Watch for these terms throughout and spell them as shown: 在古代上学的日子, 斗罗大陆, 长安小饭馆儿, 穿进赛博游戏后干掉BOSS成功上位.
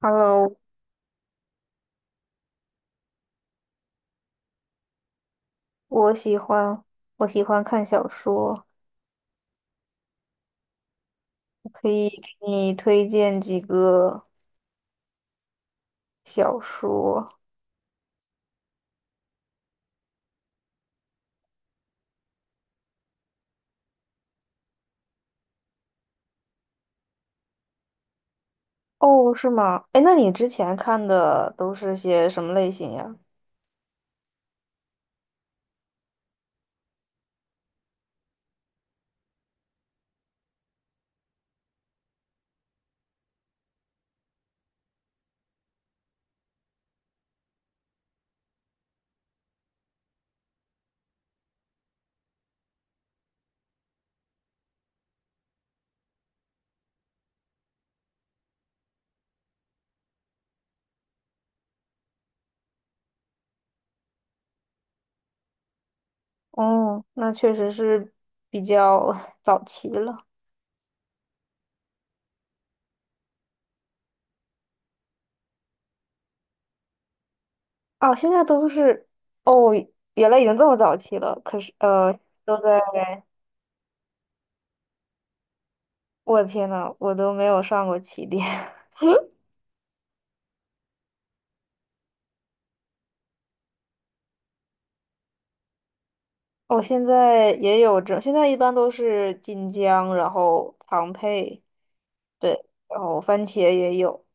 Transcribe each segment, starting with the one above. Hello，我喜欢我喜欢看小说，我可以给你推荐几个小说。哦，是吗？哎，那你之前看的都是些什么类型呀？哦，那确实是比较 早期了。哦，现在都是哦，原来已经这么早期了。可是都在我的天呐，我都没有上过起点。我现在也有这，现在一般都是晋江，然后庞培。对，然后番茄也有，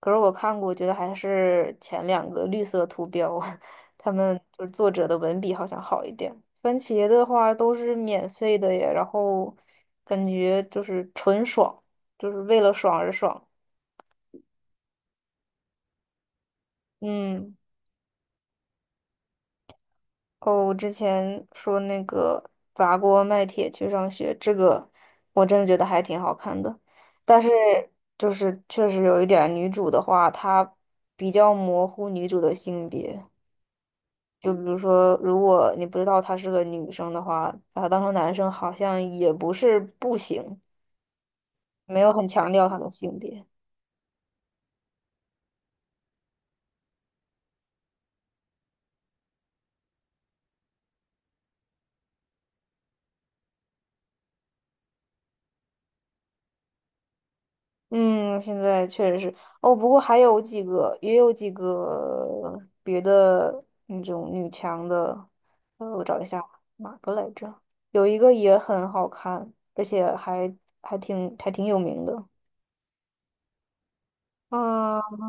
可是我看过，觉得还是前两个绿色图标，他们就是作者的文笔好像好一点。番茄的话都是免费的耶，然后感觉就是纯爽，就是为了爽而爽。嗯，哦，我之前说那个砸锅卖铁去上学，这个我真的觉得还挺好看的，但是就是确实有一点儿女主的话，她比较模糊女主的性别。就比如说，如果你不知道她是个女生的话，把她当成男生好像也不是不行，没有很强调她的性别。嗯，现在确实是哦，不过还有几个，也有几个别的那种女强的，我找一下哪个来着？有一个也很好看，而且还还挺有名的。啊，哦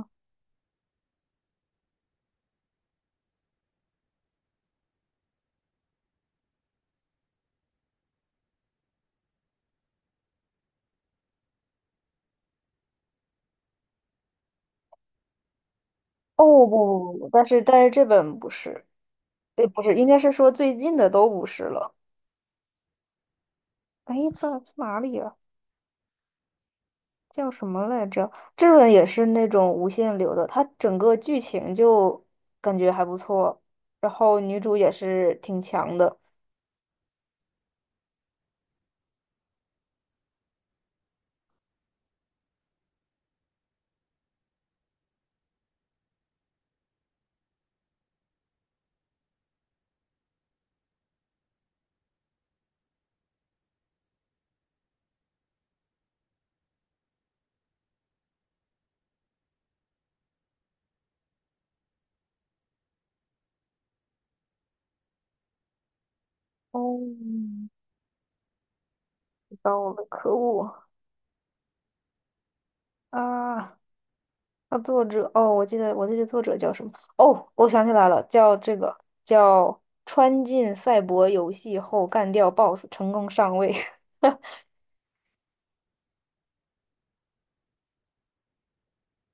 不不不不但是这本不是，对，不是，应该是说最近的都不是了。哎，在哪里啊？叫什么来着？这本也是那种无限流的，它整个剧情就感觉还不错，然后女主也是挺强的。哦，知道了，可恶啊！那作者，哦，我记得作者叫什么？哦，我想起来了，叫这个叫穿进赛博游戏后干掉 BOSS 成功上位。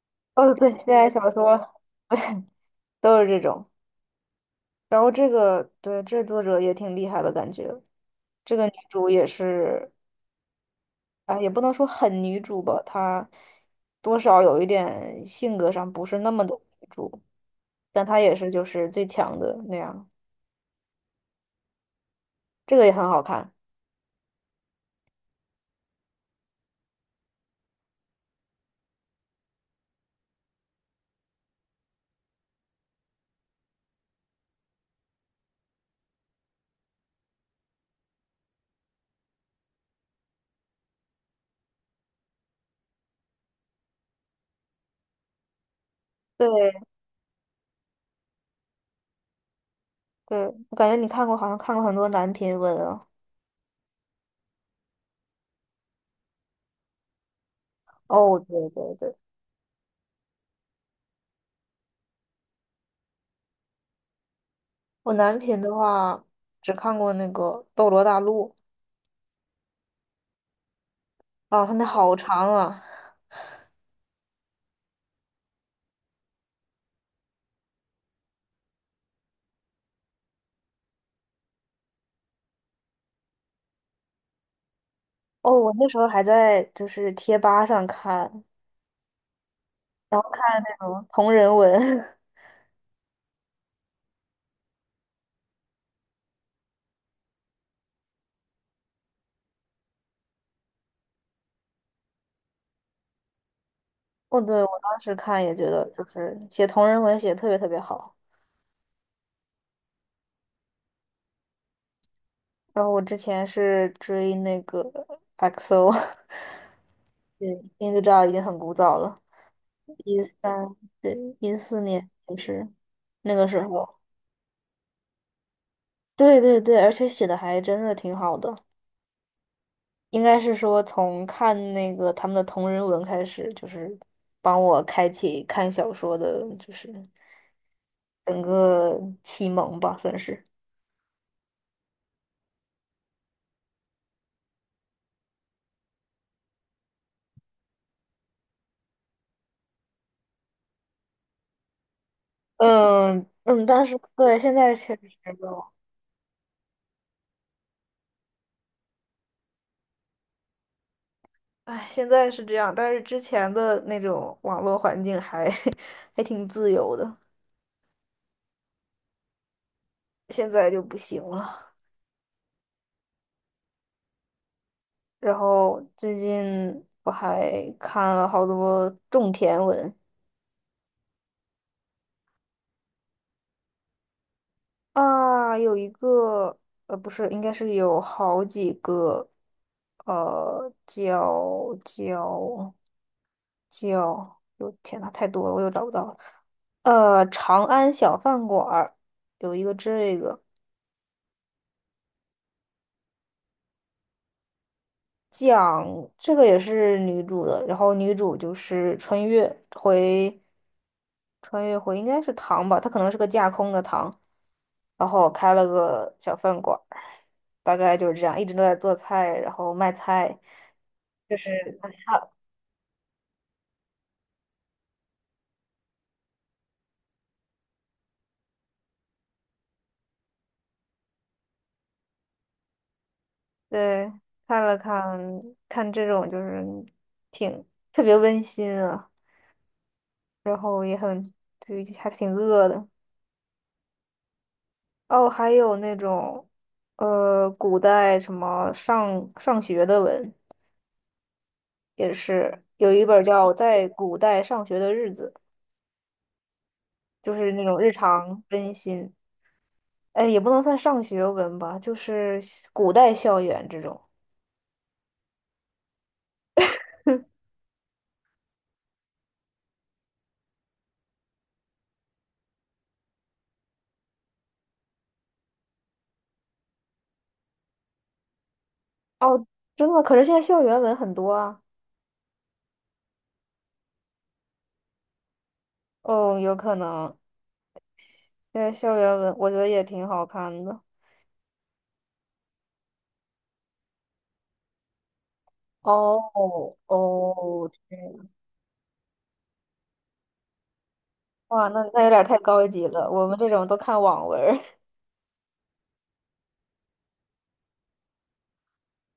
哦，对，现在小说都是这种。然后这个，对，这作者也挺厉害的感觉。这个女主也是，啊，也不能说很女主吧，她多少有一点性格上不是那么的女主，但她也是就是最强的那样，这个也很好看。对对，我感觉你看过，好像看过很多男频文啊。哦，对对对，我男频的话只看过那个《斗罗大陆》啊，它那好长啊。哦，我那时候还在就是贴吧上看，然后看那种同人文。哦，对，我当时看也觉得，就是写同人文写得特别特别好。然后我之前是追那个 XO，对，听就知道已经很古早了，13，对，14年就是那个时候。对对对，而且写的还真的挺好的，应该是说从看那个他们的同人文开始，就是帮我开启看小说的，就是整个启蒙吧，算是。嗯嗯，但是对，现在确实有。哎，现在是这样，但是之前的那种网络环境还 还挺自由的，现在就不行了。然后最近我还看了好多种田文，啊，有一个，不是，应该是有好几个，呃，叫叫叫，我天呐，太多了，我又找不到了。长安小饭馆儿有一个这个讲，这个也是女主的，然后女主就是穿越回，穿越回应该是唐吧，她可能是个架空的唐，然后开了个小饭馆。大概就是这样，一直都在做菜，然后卖菜，就是看，对，看了看看这种就是挺特别温馨啊，然后也很，对，还挺饿的。哦，还有那种，古代什么上学的文，也是有一本叫《在古代上学的日子》，就是那种日常温馨，哎，也不能算上学文吧，就是古代校园这种。哦，真的吗可是现在校园文很多啊。哦，有可能。现在校园文我觉得也挺好看的。哦哦，这样哇，那那有点太高级了，我们这种都看网文儿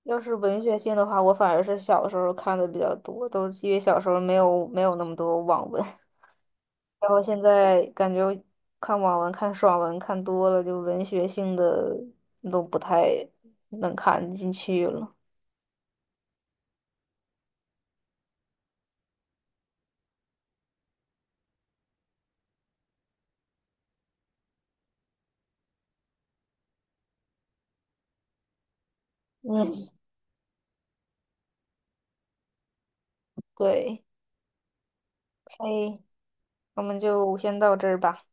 要是文学性的话，我反而是小时候看的比较多，都是因为小时候没有那么多网文，然后现在感觉看网文、看爽文看多了，就文学性的都不太能看进去了。嗯，对，可以我们就先到这儿吧。